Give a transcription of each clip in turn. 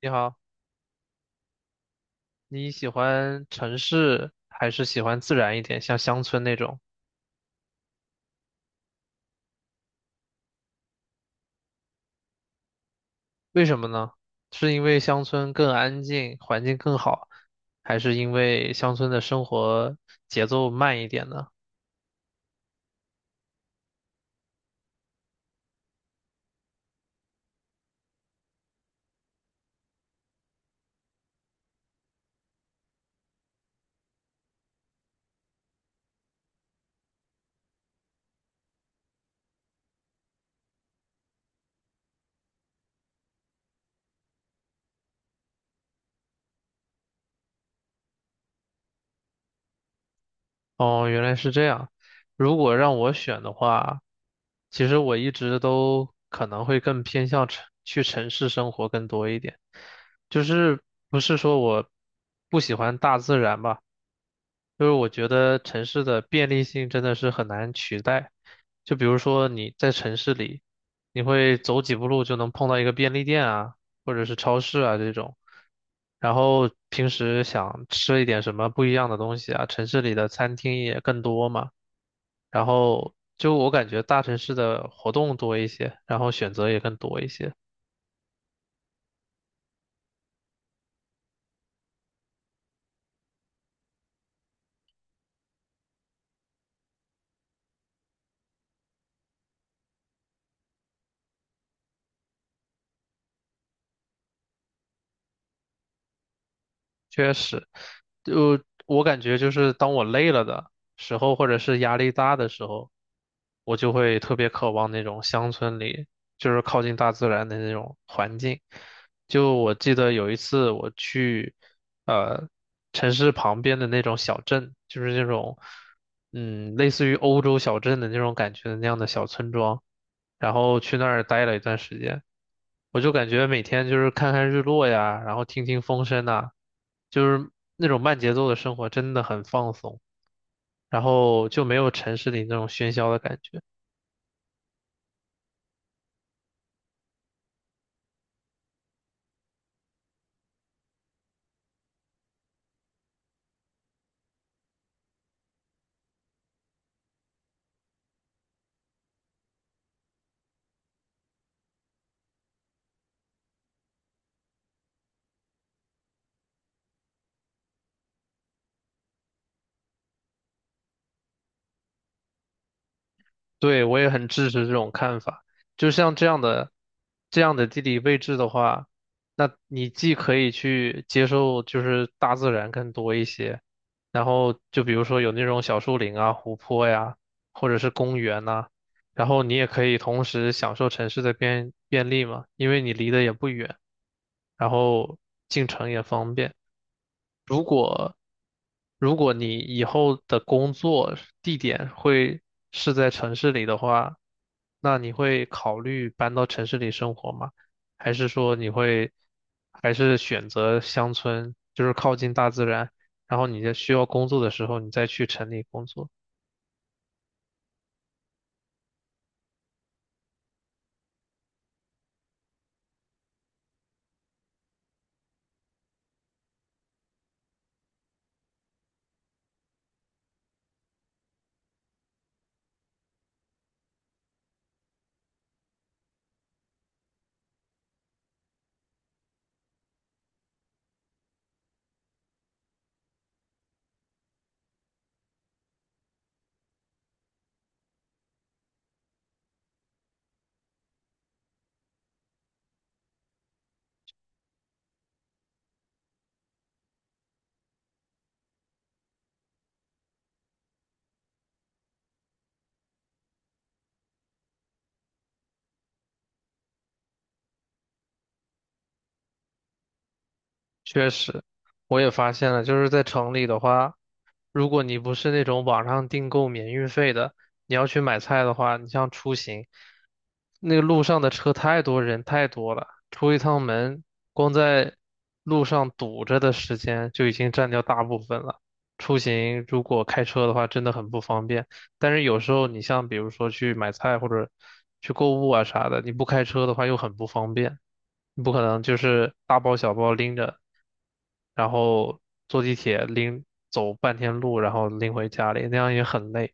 你好，你喜欢城市还是喜欢自然一点，像乡村那种？为什么呢？是因为乡村更安静，环境更好，还是因为乡村的生活节奏慢一点呢？哦，原来是这样。如果让我选的话，其实我一直都可能会更偏向城，去城市生活更多一点，就是不是说我不喜欢大自然吧。就是我觉得城市的便利性真的是很难取代。就比如说你在城市里，你会走几步路就能碰到一个便利店啊，或者是超市啊这种。然后平时想吃一点什么不一样的东西啊，城市里的餐厅也更多嘛。然后就我感觉大城市的活动多一些，然后选择也更多一些。确实，就我感觉就是当我累了的时候，或者是压力大的时候，我就会特别渴望那种乡村里，就是靠近大自然的那种环境。就我记得有一次我去，呃，城市旁边的那种小镇，就是那种，类似于欧洲小镇的那种感觉的那样的小村庄，然后去那儿待了一段时间。我就感觉每天就是看看日落呀，然后听听风声呐，就是那种慢节奏的生活真的很放松，然后就没有城市里那种喧嚣的感觉。对，我也很支持这种看法。就像这样的地理位置的话，那你既可以去接受就是大自然更多一些，然后就比如说有那种小树林啊、湖泊呀，或者是公园呐，然后你也可以同时享受城市的便利嘛，因为你离得也不远，然后进城也方便。如果如果你以后的工作地点会是在城市里的话，那你会考虑搬到城市里生活吗？还是说你会还是选择乡村，就是靠近大自然，然后你在需要工作的时候，你再去城里工作？确实，我也发现了，就是在城里的话，如果你不是那种网上订购免运费的，你要去买菜的话，你像出行，那个路上的车太多，人太多了，出一趟门，光在路上堵着的时间就已经占掉大部分了。出行如果开车的话，真的很不方便。但是有时候你像比如说去买菜或者去购物啊啥的，你不开车的话又很不方便，你不可能就是大包小包拎着，然后坐地铁拎走半天路，然后拎回家里，那样也很累。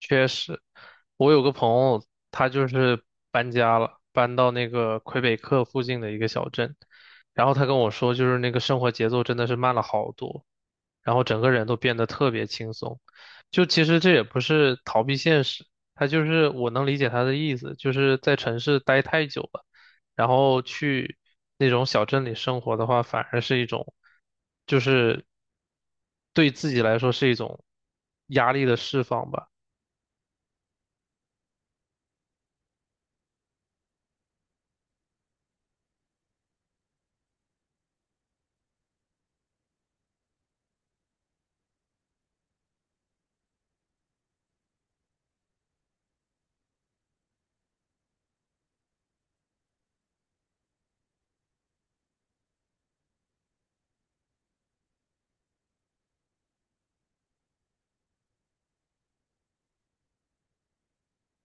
确实，我有个朋友，他就是搬家了，搬到那个魁北克附近的一个小镇，然后他跟我说，就是那个生活节奏真的是慢了好多，然后整个人都变得特别轻松。就其实这也不是逃避现实，他就是我能理解他的意思，就是在城市待太久了，然后去那种小镇里生活的话，反而是一种，就是对自己来说是一种压力的释放吧。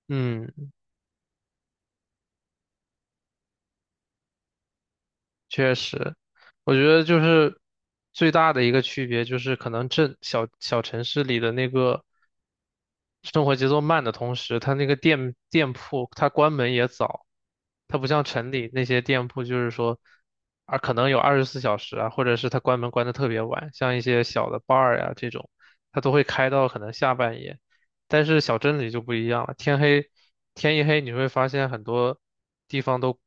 嗯，确实，我觉得就是最大的一个区别就是，可能镇小小城市里的那个。生活节奏慢的同时，它那个店铺它关门也早，它不像城里那些店铺，就是说啊可能有二十四小时啊，或者是它关门关的特别晚，像一些小的 bar 呀、这种，它都会开到可能下半夜。但是小镇里就不一样了，天一黑，你会发现很多地方都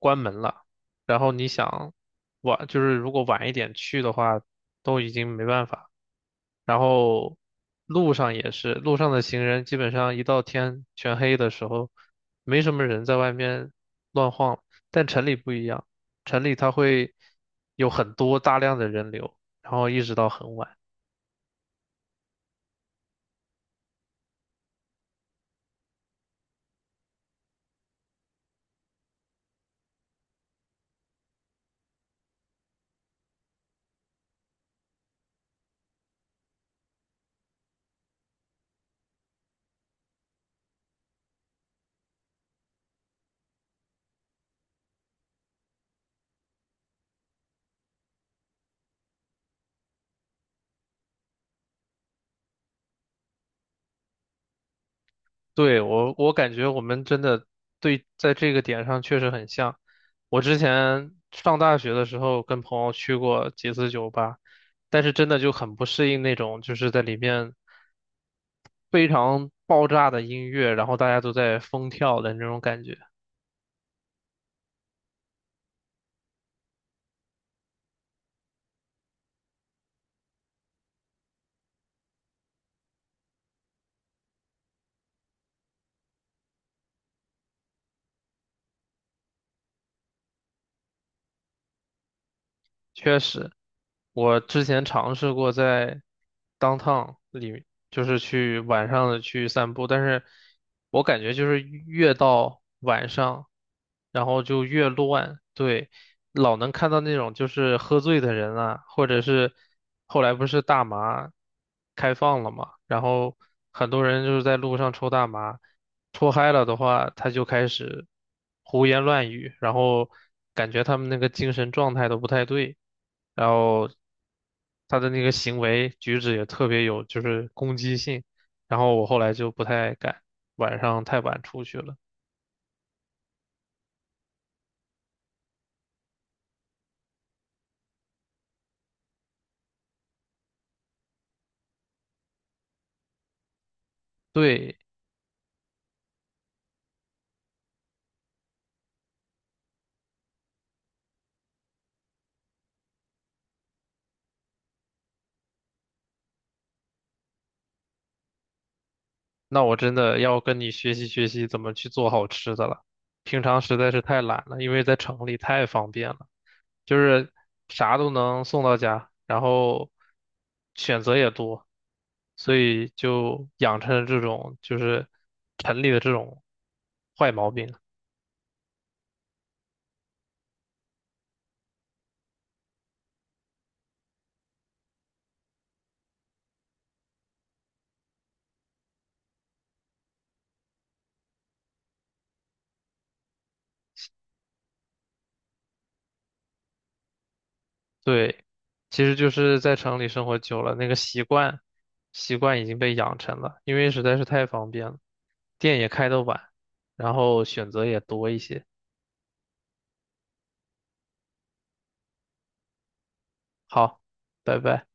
关门了，然后你想晚，就是如果晚一点去的话，都已经没办法。然后路上也是，路上的行人基本上一到天全黑的时候，没什么人在外面乱晃。但城里不一样，城里它会有很多大量的人流，然后一直到很晚。对，我感觉我们真的对在这个点上确实很像。我之前上大学的时候跟朋友去过几次酒吧，但是真的就很不适应那种就是在里面非常爆炸的音乐，然后大家都在疯跳的那种感觉。确实，我之前尝试过在 downtown 里，就是去晚上的去散步，但是我感觉就是越到晚上，然后就越乱，对，老能看到那种就是喝醉的人啊，或者是后来不是大麻开放了嘛，然后很多人就是在路上抽大麻。脱嗨了的话，他就开始胡言乱语，然后感觉他们那个精神状态都不太对，然后他的那个行为举止也特别有就是攻击性，然后我后来就不太敢晚上太晚出去了。对，那我真的要跟你学习学习怎么去做好吃的了，平常实在是太懒了，因为在城里太方便了。就是啥都能送到家，然后选择也多，所以就养成了这种就是城里的这种坏毛病。对，其实就是在城里生活久了，那个习惯已经被养成了，因为实在是太方便了，店也开得晚，然后选择也多一些。好，拜拜。